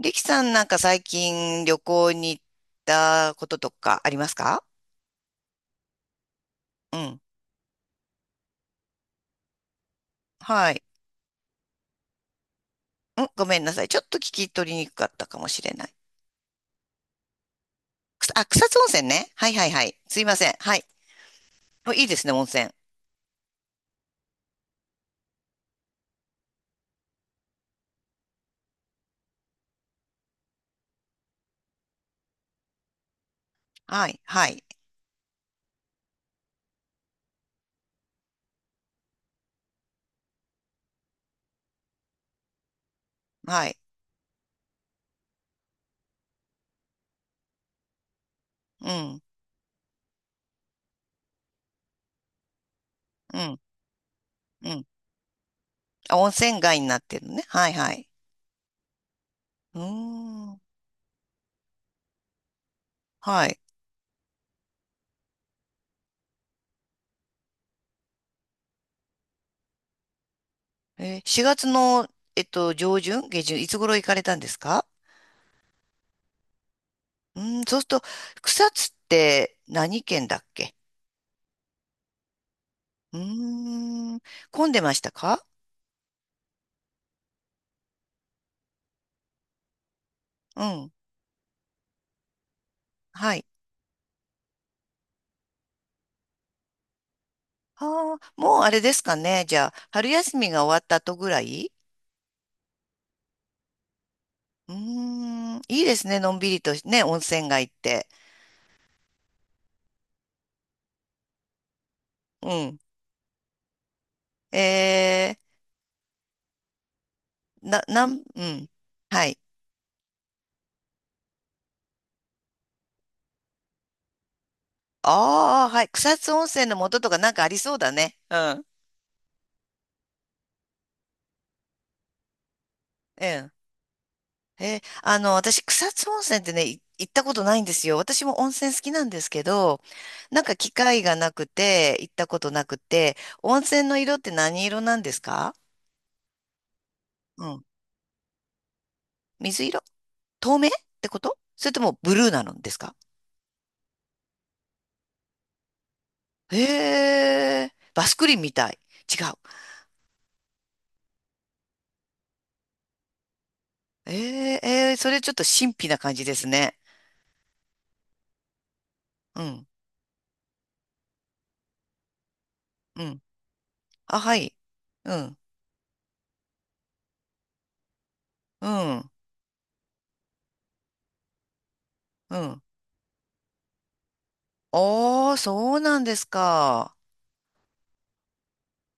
リキさんなんか最近旅行に行ったこととかありますか？うん。はい。うん、ごめんなさい。ちょっと聞き取りにくかったかもしれない。くさあ、草津温泉ね。はいはいはい。すいません。はい。おいいですね、温泉。はい、はい、はい。うん、うん、うん。あ、温泉街になってるのね。はいはい。うーん。はい。4月の、上旬、下旬、いつ頃行かれたんですか？うーん、そうすると、草津って何県だっけ？うーん。混んでましたか？うん。はい。ああ、もうあれですかね。じゃあ、春休みが終わった後ぐらい。うーん。いいですね。のんびりとね、温泉街って。うん。えー、な、なん、うん。はい。ああ、はい。草津温泉の元とかなんかありそうだね。うん。うん。私、草津温泉ってね、い行ったことないんですよ。私も温泉好きなんですけど、なんか機会がなくて、行ったことなくて、温泉の色って何色なんですか？うん。水色、透明ってこと、それともブルーなのですか？へえ、バスクリンみたい。違う。ええ、えーそれちょっと神秘な感じですね。うん、うん。あ、はい。うん、うん、うん。おー、そうなんですか。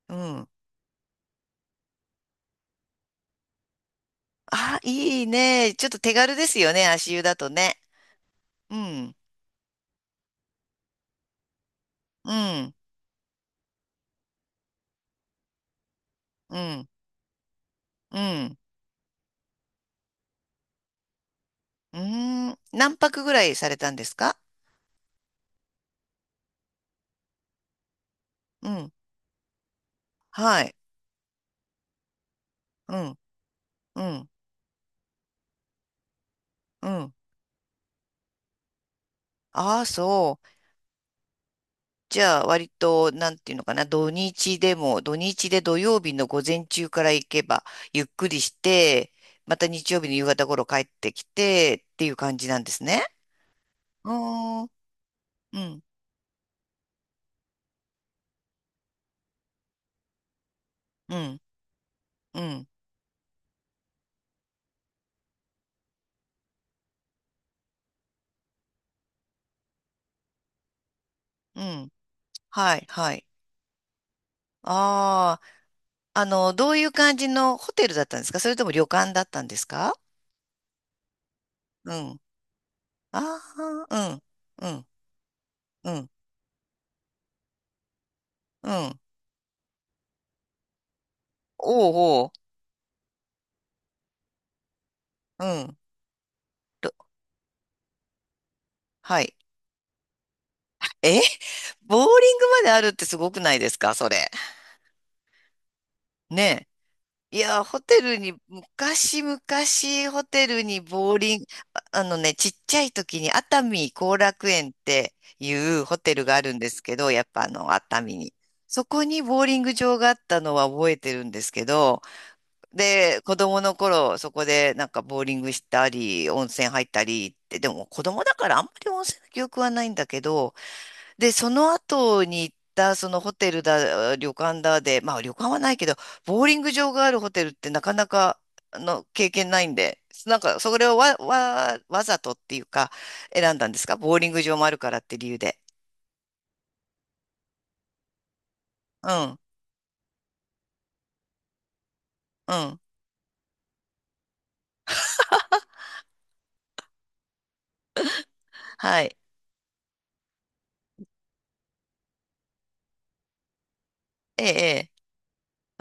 うん。あ、いいね。ちょっと手軽ですよね、足湯だとね。うん、うん、うん、うん、うん。何泊ぐらいされたんですか？うん、はい。うん、うん、うん。ああ、そう。じゃあ、割と、なんていうのかな、土日でも、土日で土曜日の午前中から行けば、ゆっくりして、また日曜日の夕方頃帰ってきて、っていう感じなんですね。うーん、うん、うん、うん、うん。はい、はい。ああ。あの、どういう感じのホテルだったんですか？それとも旅館だったんですか？うん。ああ、うん、うん、うん、うん。おうおう、うん。と、はい。えボーリングまであるってすごくないですか、それ？ねえ。いや、ホテルに、昔々ホテルにボーリング、ああのね、ちっちゃい時に熱海後楽園っていうホテルがあるんですけど、やっぱあの、熱海に。そこにボーリング場があったのは覚えてるんですけど、で、子供の頃、そこでなんかボーリングしたり、温泉入ったりって、でも子供だからあんまり温泉の記憶はないんだけど、で、その後に行ったそのホテルだ、旅館だで、まあ旅館はないけど、ボーリング場があるホテルってなかなかあの経験ないんで、なんかそれをわ、わ、わざとっていうか選んだんですか、ボーリング場もあるからって理由で。うん、うん。はい。ええ、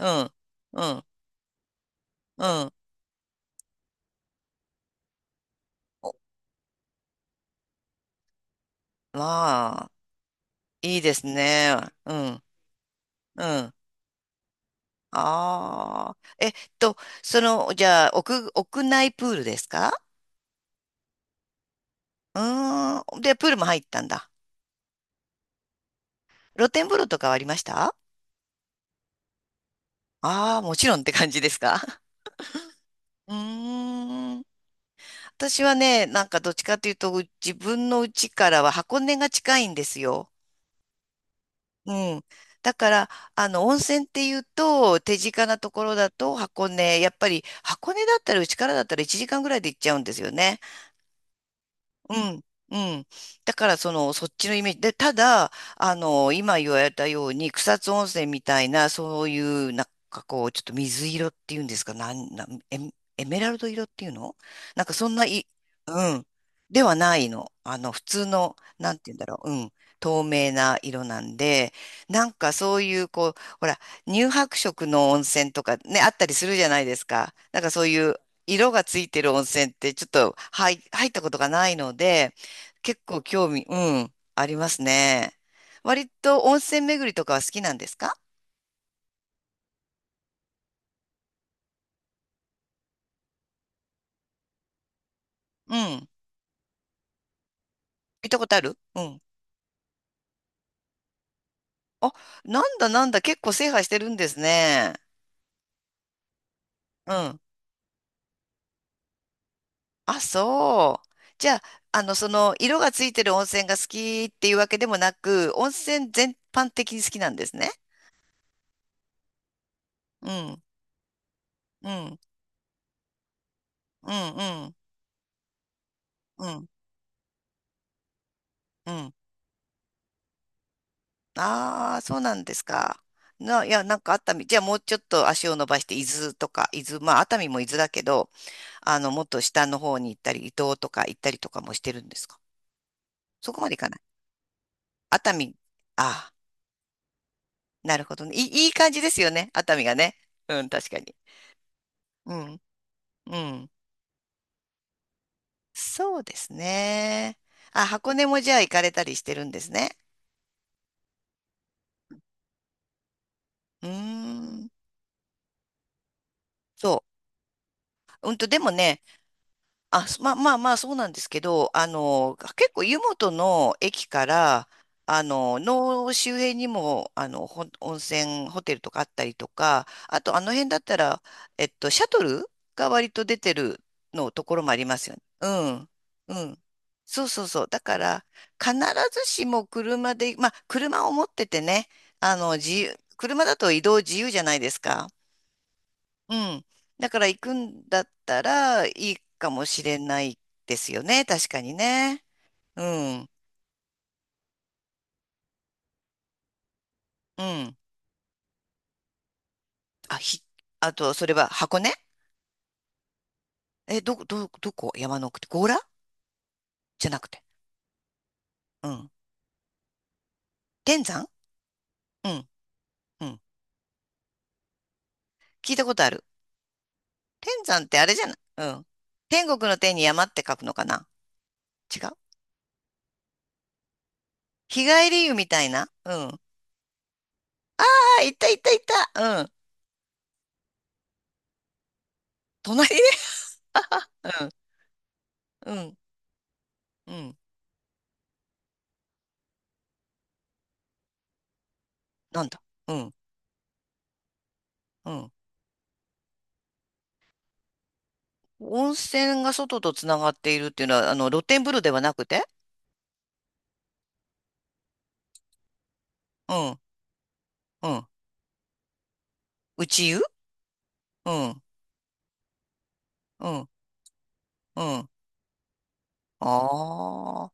ええうん、うん、うん。おまいいですね。うん。うん。ああ。と、その、じゃあ、屋、屋内プールですか？うーん。で、プールも入ったんだ。露天風呂とかはありました？ああー、もちろんって感じですか？ うーん。私はね、なんかどっちかというと、う自分の家からは箱根が近いんですよ。うん。だから、あの、温泉っていうと、手近なところだと箱根、やっぱり箱根だったら、うちからだったら1時間ぐらいで行っちゃうんですよね。うん、うん。だから、その、そっちのイメージ。で、ただ、あの、今言われたように、草津温泉みたいな、そういう、なんかこう、ちょっと水色っていうんですか、なん、なん、エメ、エメラルド色っていうの、なんかそんない、うん。ではないの。あの、普通の、なんて言うんだろう。うん。透明な色なんで、なんかそういう、こう、ほら、乳白色の温泉とかね、あったりするじゃないですか。なんかそういう、色がついてる温泉ってちょっと入、入ったことがないので、結構興味、うん、ありますね。割と温泉巡りとかは好きなんですか？うん。行ったことあるうん。あ、なんだなんだ、結構制覇してるんですね。うん。あ、そう。じゃあ、あの、その、色がついてる温泉が好きっていうわけでもなく、温泉全般的に好きなんですね。うん、うん、うん、うん、うん、うん。ああ、そうなんですか。な、いや、なんか熱海、じゃあもうちょっと足を伸ばして、伊豆とか、伊豆、まあ熱海も伊豆だけど、あの、もっと下の方に行ったり、伊東とか行ったりとかもしてるんですか？そこまで行かない。熱海、ああ、なるほどね。いい、いい感じですよね、熱海がね。うん、確かに。うん、うん。そうですね。あ、箱根もじゃあ行かれたりしてるんですね。うーん。そう。うんと、でもね、あ、すまあまあまあ、そうなんですけど、あの、結構湯本の駅から、あの、の周辺にも、あの、ほ温泉ホテルとかあったりとか、あとあの辺だったら、シャトルが割と出てるのところもありますよね。うん。うん。そうそうそう。だから、必ずしも車で、まあ、車を持っててね、あの、自由、車だと移動自由じゃないですか。うん。だから行くんだったらいいかもしれないですよね。確かにね。うん。うん。あ、ひ、あと、それは箱根？え、ど、ど、どこ、山の奥って強羅じゃなくて？うん。天山、うん。うん。聞いたことある。天山ってあれじゃない、うん。天国の天に山って書くのかな？違う？日帰り湯みたいな、うん。ああ、いたいたいた。うん。隣ね。うん。うん。うん。なんだ。うん。うん。温泉が外とつながっているっていうのは、あの、露天風呂ではなくて？うん、うん。内湯？うん、うん、うん。ああ、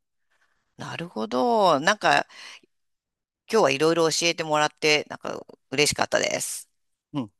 なるほど。なんか、今日はいろいろ教えてもらって、なんか、嬉しかったです。うん